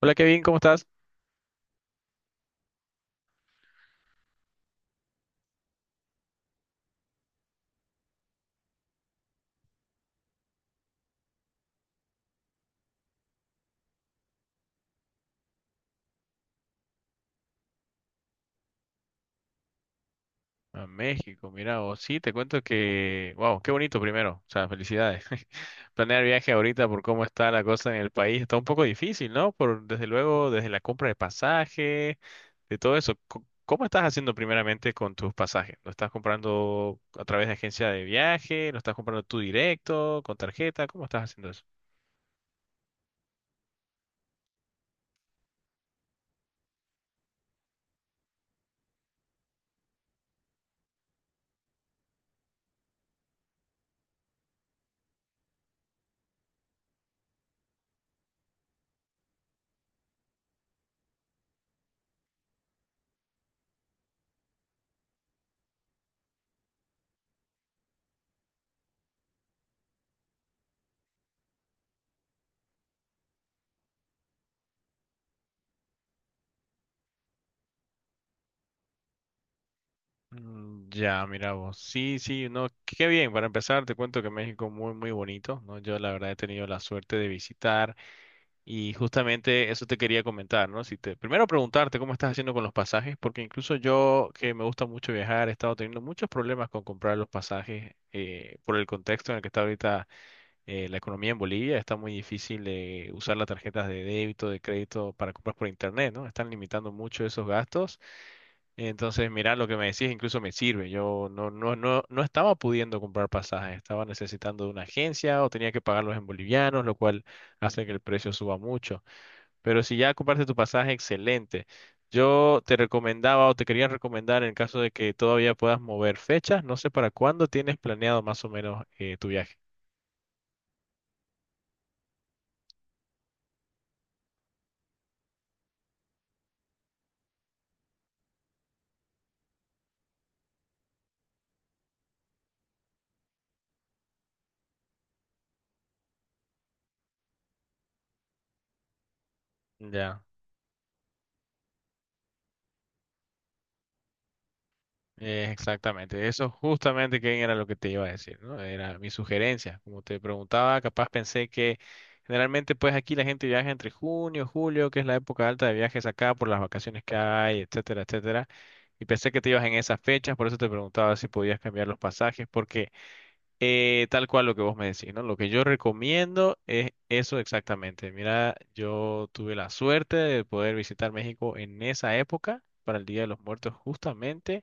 Hola Kevin, ¿cómo estás? A México, mira vos, sí, te cuento que, wow, qué bonito primero, o sea, felicidades. Planear viaje ahorita por cómo está la cosa en el país está un poco difícil, ¿no? Por, desde luego, desde la compra de pasaje, de todo eso. ¿Cómo estás haciendo primeramente con tus pasajes? ¿Lo estás comprando a través de agencia de viaje? ¿Lo estás comprando tú directo, con tarjeta? ¿Cómo estás haciendo eso? Mm, ya, mira vos. Sí, sí, no, qué bien. Para empezar, te cuento que México muy, muy bonito, ¿no? Yo la verdad he tenido la suerte de visitar. Y justamente eso te quería comentar, ¿no? Si te, primero preguntarte cómo estás haciendo con los pasajes, porque incluso yo, que me gusta mucho viajar, he estado teniendo muchos problemas con comprar los pasajes por el contexto en el que está ahorita la economía en Bolivia. Está muy difícil de usar las tarjetas de débito, de crédito para compras por internet, ¿no? Están limitando mucho esos gastos. Entonces, mira, lo que me decís incluso me sirve. Yo no estaba pudiendo comprar pasajes, estaba necesitando de una agencia o tenía que pagarlos en bolivianos, lo cual hace que el precio suba mucho. Pero si ya compraste tu pasaje, excelente. Yo te recomendaba o te quería recomendar en caso de que todavía puedas mover fechas, no sé para cuándo tienes planeado más o menos tu viaje. Ya, exactamente. Eso justamente que era lo que te iba a decir, ¿no? Era mi sugerencia. Como te preguntaba, capaz pensé que generalmente pues aquí la gente viaja entre junio, julio, que es la época alta de viajes acá por las vacaciones que hay, etcétera, etcétera. Y pensé que te ibas en esas fechas, por eso te preguntaba si podías cambiar los pasajes, porque... tal cual lo que vos me decís, ¿no? Lo que yo recomiendo es eso exactamente. Mira, yo tuve la suerte de poder visitar México en esa época, para el Día de los Muertos justamente.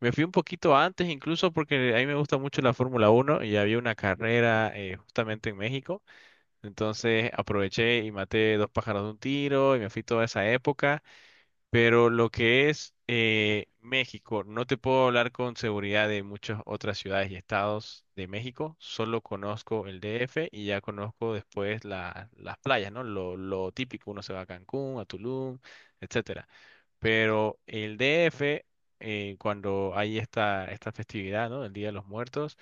Me fui un poquito antes incluso porque a mí me gusta mucho la Fórmula Uno y había una carrera justamente en México. Entonces aproveché y maté dos pájaros de un tiro y me fui toda esa época. Pero lo que es México, no te puedo hablar con seguridad de muchas otras ciudades y estados de México, solo conozco el DF y ya conozco después las playas, ¿no? Lo típico, uno se va a Cancún, a Tulum, etcétera. Pero el DF, cuando hay esta, esta festividad, ¿no? El Día de los Muertos,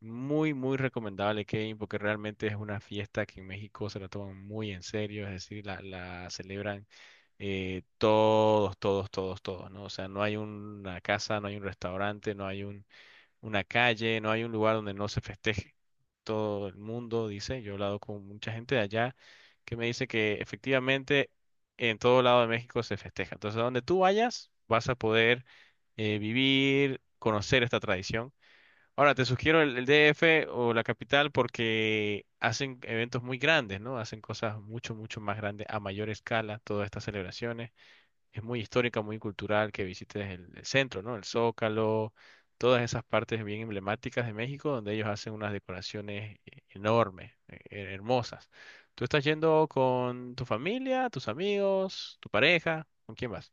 muy, muy recomendable, Kevin, porque realmente es una fiesta que en México se la toman muy en serio, es decir, la celebran todos, todos, todos, todos, ¿no? O sea, no hay una casa, no hay un restaurante, no hay un, una calle, no hay un lugar donde no se festeje. Todo el mundo dice, yo he hablado con mucha gente de allá que me dice que efectivamente en todo lado de México se festeja. Entonces, a donde tú vayas, vas a poder vivir, conocer esta tradición. Ahora, te sugiero el DF o la capital porque hacen eventos muy grandes, ¿no? Hacen cosas mucho, mucho más grandes a mayor escala, todas estas celebraciones es muy histórica, muy cultural, que visites el centro, ¿no? El Zócalo, todas esas partes bien emblemáticas de México, donde ellos hacen unas decoraciones enormes, hermosas. ¿Tú estás yendo con tu familia, tus amigos, tu pareja? ¿Con quién vas?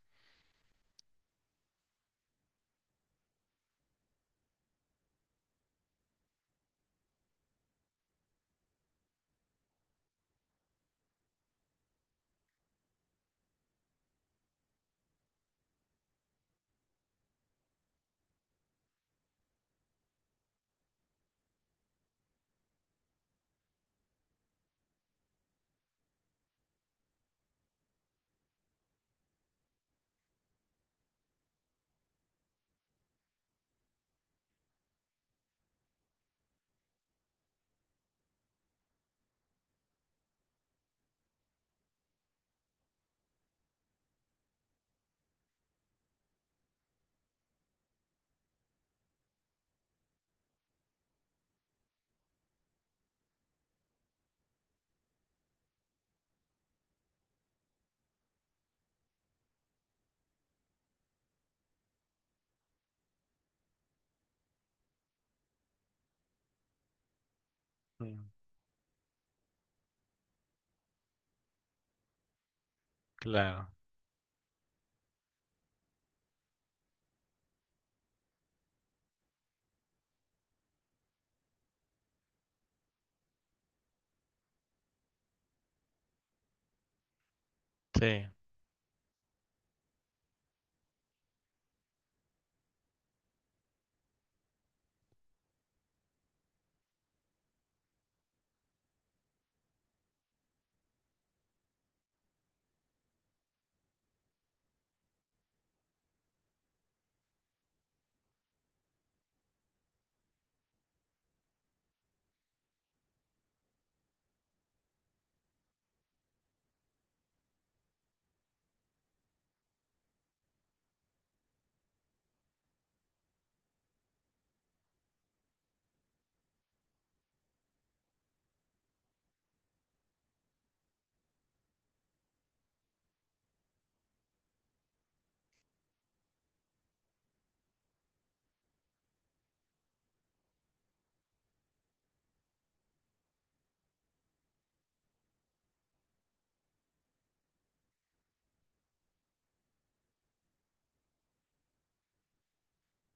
Mm, claro, sí.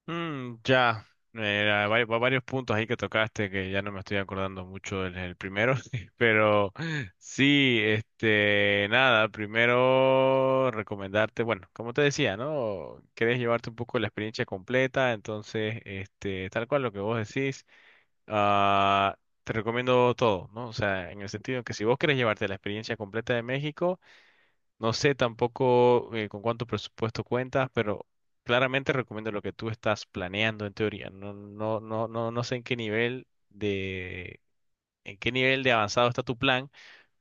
Mm, ya, varios puntos ahí que tocaste que ya no me estoy acordando mucho del primero, pero sí, este, nada, primero recomendarte, bueno, como te decía, ¿no? Querés llevarte un poco la experiencia completa, entonces, este, tal cual lo que vos decís, ah, te recomiendo todo, ¿no? O sea, en el sentido que si vos querés llevarte la experiencia completa de México, no sé tampoco con cuánto presupuesto cuentas, pero claramente recomiendo lo que tú estás planeando en teoría. No sé en qué nivel de avanzado está tu plan,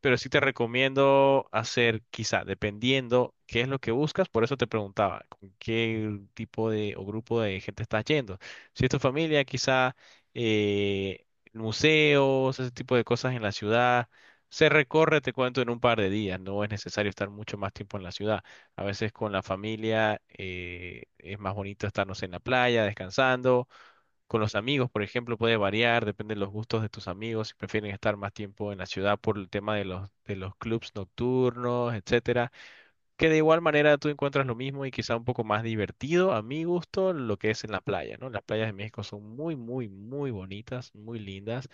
pero sí te recomiendo hacer, quizá, dependiendo qué es lo que buscas, por eso te preguntaba, con qué tipo de o grupo de gente estás yendo. Si es tu familia, quizá eh, museos, ese tipo de cosas en la ciudad. Se recorre, te cuento, en un par de días, no es necesario estar mucho más tiempo en la ciudad. A veces con la familia es más bonito estarnos en la playa, descansando con los amigos, por ejemplo, puede variar, depende de los gustos de tus amigos, si prefieren estar más tiempo en la ciudad por el tema de de los clubs nocturnos, etcétera. Que de igual manera tú encuentras lo mismo y quizá un poco más divertido, a mi gusto, lo que es en la playa, ¿no? Las playas de México son muy, muy, muy bonitas, muy lindas.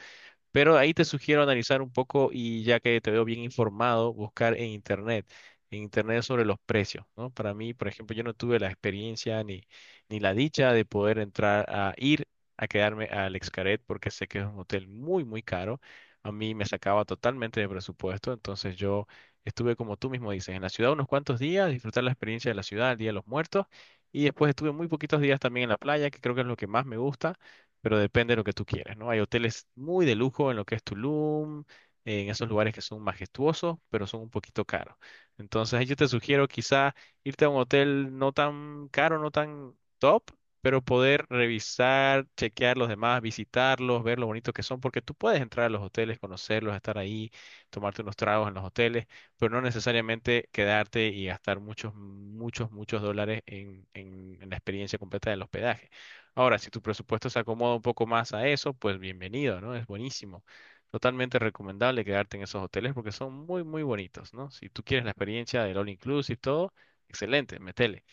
Pero ahí te sugiero analizar un poco y ya que te veo bien informado, buscar en internet sobre los precios, ¿no? Para mí, por ejemplo, yo no tuve la experiencia ni la dicha de poder entrar a ir a quedarme al Xcaret porque sé que es un hotel muy, muy caro. A mí me sacaba totalmente de presupuesto, entonces yo estuve como tú mismo dices, en la ciudad unos cuantos días, disfrutar la experiencia de la ciudad, el Día de los Muertos, y después estuve muy poquitos días también en la playa, que creo que es lo que más me gusta pero depende de lo que tú quieras, ¿no? Hay hoteles muy de lujo en lo que es Tulum, en esos lugares que son majestuosos, pero son un poquito caros. Entonces, yo te sugiero quizá irte a un hotel no tan caro, no tan top, pero poder revisar, chequear los demás, visitarlos, ver lo bonito que son, porque tú puedes entrar a los hoteles, conocerlos, estar ahí, tomarte unos tragos en los hoteles, pero no necesariamente quedarte y gastar muchos, muchos, muchos dólares en la experiencia completa del hospedaje. Ahora, si tu presupuesto se acomoda un poco más a eso, pues bienvenido, ¿no? Es buenísimo. Totalmente recomendable quedarte en esos hoteles porque son muy, muy bonitos, ¿no? Si tú quieres la experiencia del all inclusive y todo, excelente, metele.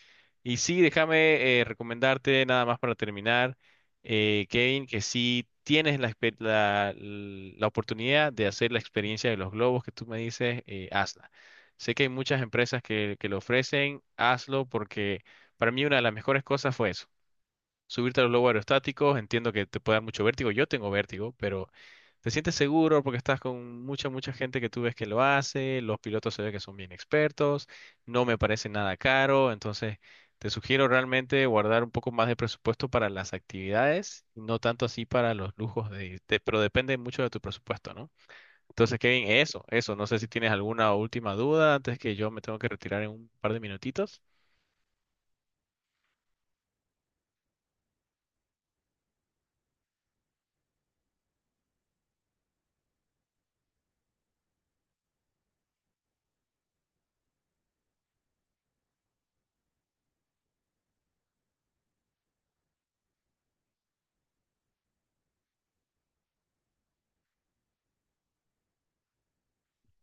Y sí, déjame recomendarte nada más para terminar, Kevin, que si tienes la oportunidad de hacer la experiencia de los globos que tú me dices, hazla. Sé que hay muchas empresas que lo ofrecen, hazlo porque para mí una de las mejores cosas fue eso, subirte a los globos aerostáticos, entiendo que te puede dar mucho vértigo, yo tengo vértigo, pero te sientes seguro porque estás con mucha, mucha gente que tú ves que lo hace, los pilotos se ve que son bien expertos, no me parece nada caro, entonces te sugiero realmente guardar un poco más de presupuesto para las actividades, no tanto así para los lujos pero depende mucho de tu presupuesto, ¿no? Entonces, Kevin, eso, no sé si tienes alguna última duda antes que yo me tengo que retirar en un par de minutitos.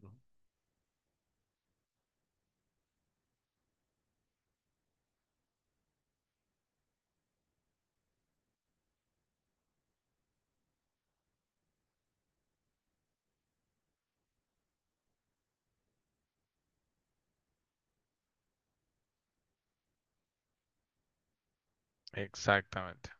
Ujú. Exactamente.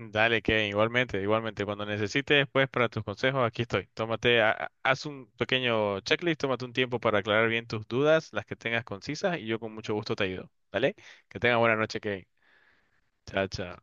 Dale, Kevin, igualmente, igualmente. Cuando necesites, pues, para tus consejos, aquí estoy. Tómate, haz un pequeño checklist, tómate un tiempo para aclarar bien tus dudas, las que tengas concisas, y yo con mucho gusto te ayudo. ¿Vale? Que tengas buena noche, Kevin. Chao, chao.